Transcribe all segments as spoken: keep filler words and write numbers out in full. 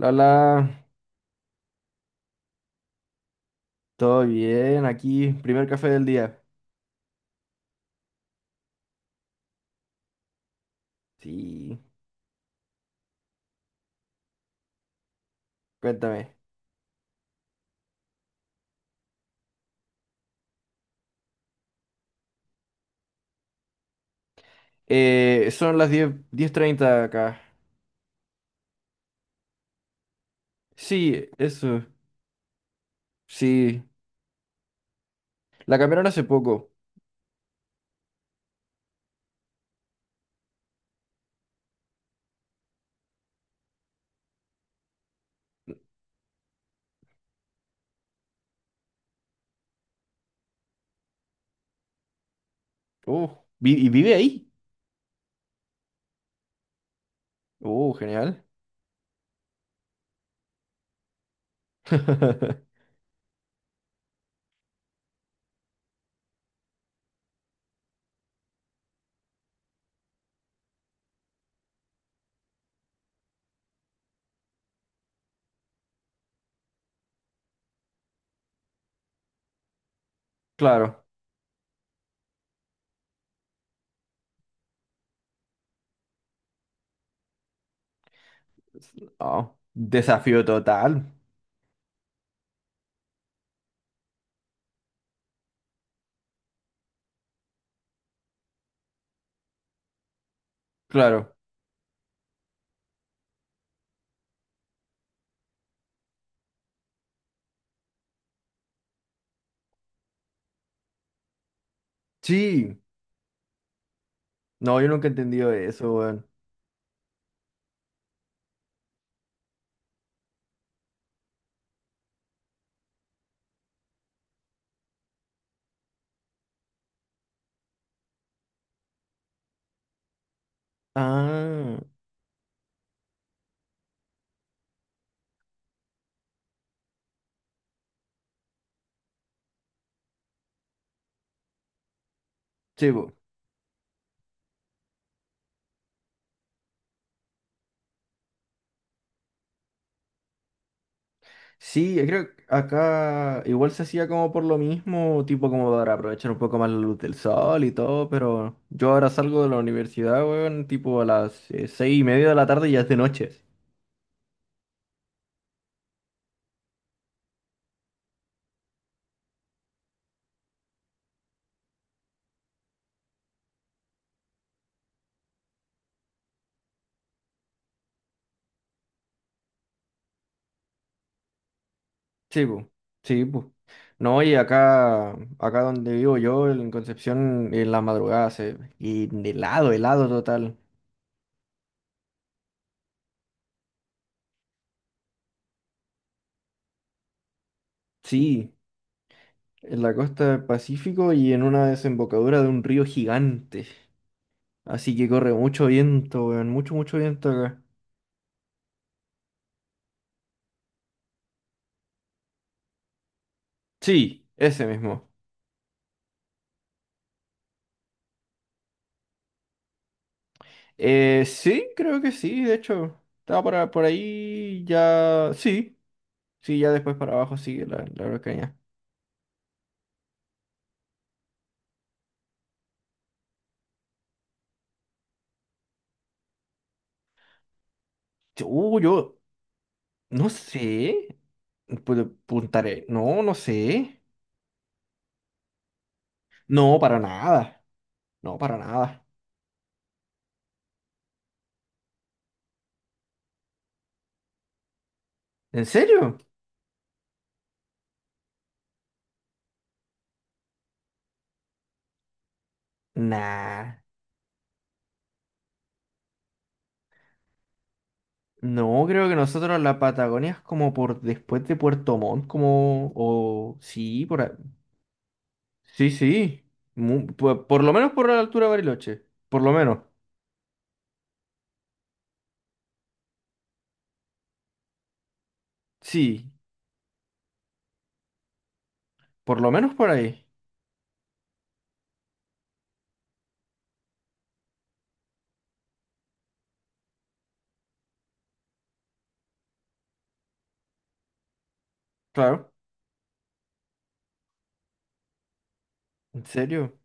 Lala, todo bien, aquí, primer café del día. Sí, cuéntame. Eh, son las diez diez treinta acá. Sí, eso, sí. La cambiaron hace poco. Uh, vi- ¿Y vive ahí? Uh, genial. Claro. Oh, desafío total. Claro. Sí. No, yo nunca he entendido eso, weón. Ah, sí, po. Sí, yo creo que acá igual se hacía como por lo mismo, tipo como para aprovechar un poco más la luz del sol y todo, pero yo ahora salgo de la universidad, weón, tipo a las eh, seis y media de la tarde y ya es de noche. Sí, pues, sí, pues. No, y acá, acá donde vivo yo, en Concepción, en la madrugada se... Y helado, helado total. Sí, en la costa del Pacífico y en una desembocadura de un río gigante. Así que corre mucho viento, weón, mucho, mucho viento acá. Sí, ese mismo. Eh, sí, creo que sí, de hecho, estaba por, por ahí ya. Sí, sí, ya después para abajo sigue la, la Araucanía. Uh, yo no sé. Pu- Puntaré. No, no sé. No, para nada. No, para nada. ¿En serio? Nah. No, creo que nosotros la Patagonia es como por después de Puerto Montt, como. O. Sí, por ahí. Sí, sí. Mu- por por lo menos por la altura de Bariloche. Por lo menos. Sí, por lo menos por ahí. Claro. ¿En serio?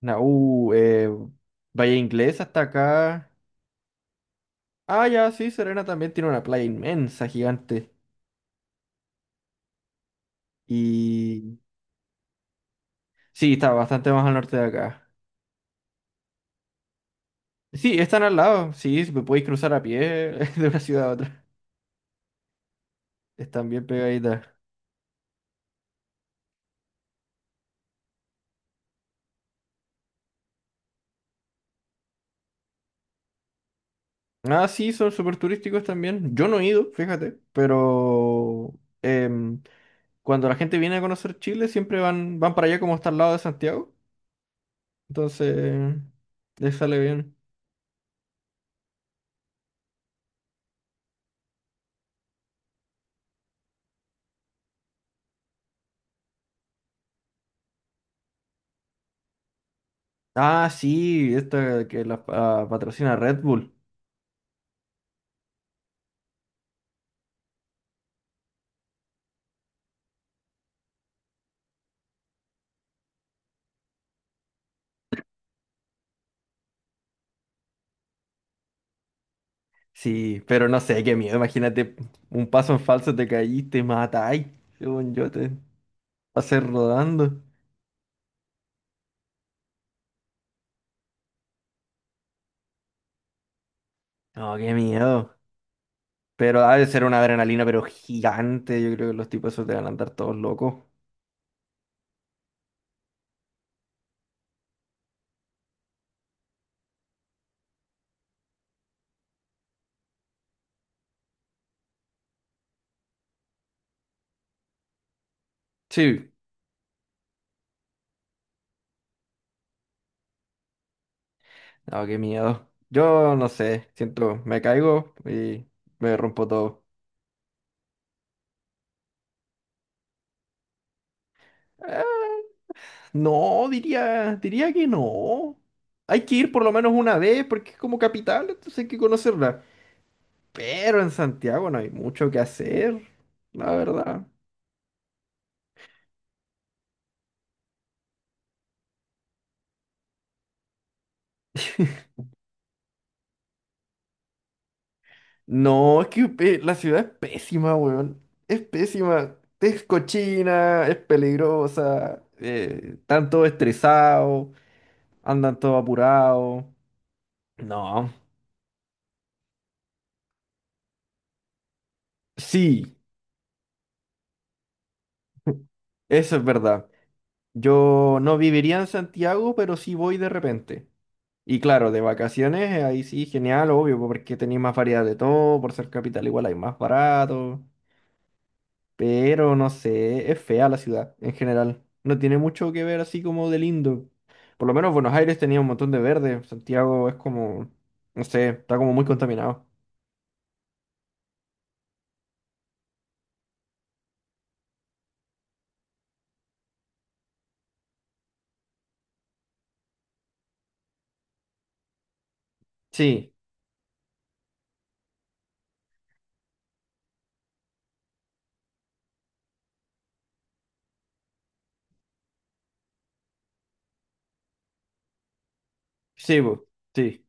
Na- uh, eh, Bahía inglesa hasta acá. Ah, ya, sí, Serena también tiene una playa inmensa, gigante. Y sí, está bastante más al norte de acá. Sí, están al lado. Sí, si me podéis cruzar a pie de una ciudad a otra. Están bien pegaditas. Ah, sí, son súper turísticos también. Yo no he ido, fíjate, pero em, cuando la gente viene a conocer Chile, siempre van, van para allá como está al lado de Santiago. Entonces, les sale bien. Ah, sí, esta que la pa- patrocina Red Bull. Sí, pero no sé, qué miedo. Imagínate, un paso en falso te caíste, matáis. Según yo te pasé rodando. No, qué miedo. Pero ha de ser una adrenalina, pero gigante. Yo creo que los tipos esos te van a andar todos locos. Sí, no, qué miedo. Yo no sé, siento, me caigo y me rompo todo. Eh, no, diría, diría que no. Hay que ir por lo menos una vez porque es como capital, entonces hay que conocerla. Pero en Santiago no hay mucho que hacer, la verdad. No, es que pe- la ciudad es pésima, weón. Es pésima. Es cochina, es peligrosa. Eh, están todos estresados, andan todos apurados. No. Sí, eso es verdad. Yo no viviría en Santiago, pero sí voy de repente. Y claro, de vacaciones, eh, ahí sí, genial, obvio, porque tenéis más variedad de todo, por ser capital igual hay más barato. Pero no sé, es fea la ciudad en general. No tiene mucho que ver así como de lindo. Por lo menos Buenos Aires tenía un montón de verde. Santiago es como, no sé, está como muy contaminado. Sí, sí, bo, sí,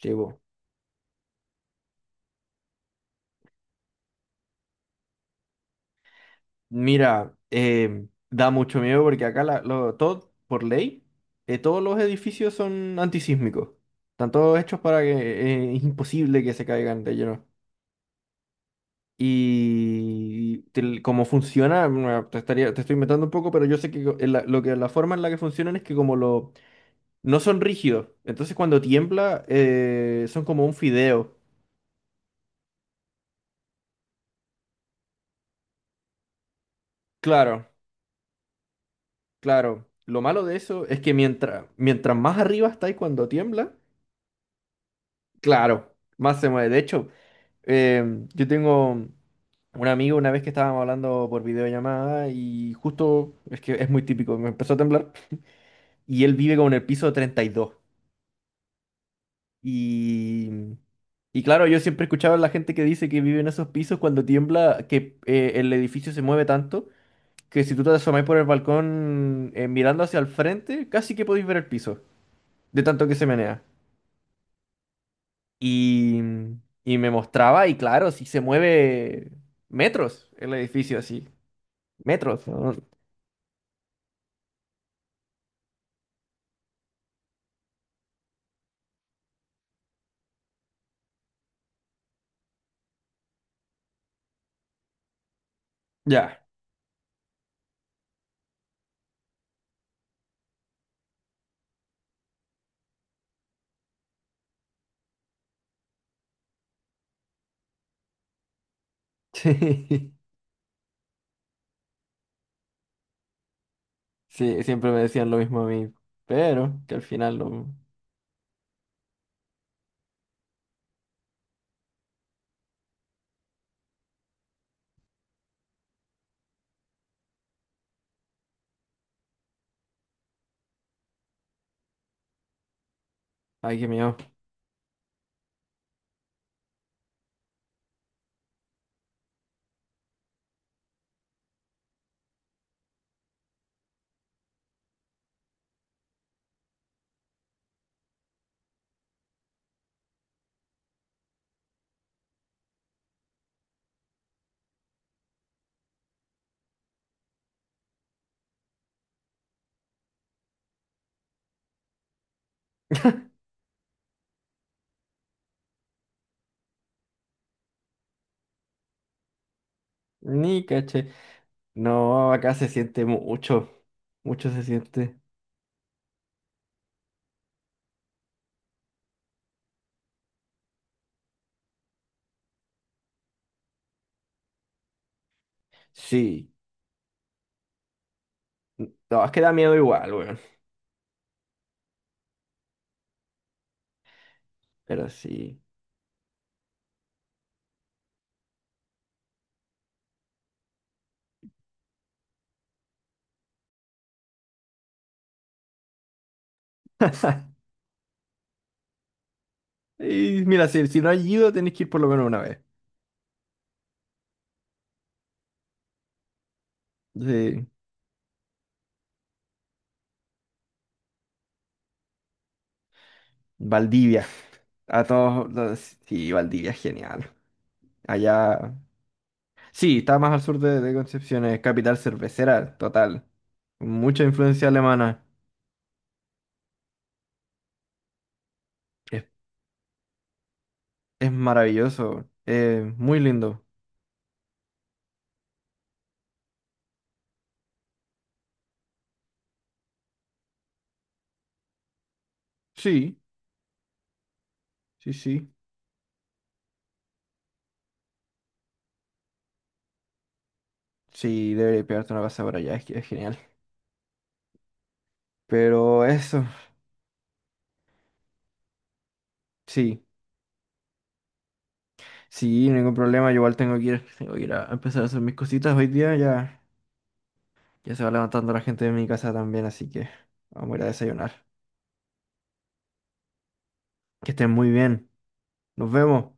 sí, bo. Mira, eh, da mucho miedo porque acá la, lo- todo, por ley, eh, todos los edificios son antisísmicos. Están todos hechos para que eh, es imposible que se caigan de lleno. Y tel- cómo funciona, bueno, te estaría, te estoy inventando un poco, pero yo sé que co- en la, lo que, la forma en la que funcionan es que como lo, no son rígidos, entonces cuando tiembla eh, son como un fideo. Claro, claro. Lo malo de eso es que mientras, mientras más arriba estáis cuando tiembla, claro, más se mueve. De hecho, eh, yo tengo un amigo una vez que estábamos hablando por videollamada y justo, es que es muy típico, me empezó a temblar y él vive como en el piso treinta y dos. Y, y claro, yo siempre he escuchado a la gente que dice que vive en esos pisos cuando tiembla, que eh, el edificio se mueve tanto que si tú te asomás por el balcón eh, mirando hacia el frente, casi que podéis ver el piso, de tanto que se menea. Y, y me mostraba, y claro, si se mueve metros el edificio así, metros. ¿No? Ya. Sí, sí, siempre me decían lo mismo a mí, pero que al final lo... Ay, qué miedo. Ni caché. No, acá se siente mucho. Mucho se siente. Sí. No, es que da miedo igual, weón. Pero sí. Y mira, si, si no has ido, tenés que ir por lo menos una vez. Sí. Valdivia. A todos los- sí, Valdivia es genial. Allá. Sí, está más al sur de, de Concepción, es capital cervecera, total. Mucha influencia alemana. Es, es maravilloso. Eh, muy lindo. Sí, sí, sí. Sí, debería pegarte una pasada por allá, es, que es genial. Pero eso, sí, sí, ningún problema. Yo igual tengo que ir, tengo que ir a empezar a hacer mis cositas hoy día. Ya, ya se va levantando la gente de mi casa también, así que vamos a ir a desayunar. Que estén muy bien. Nos vemos.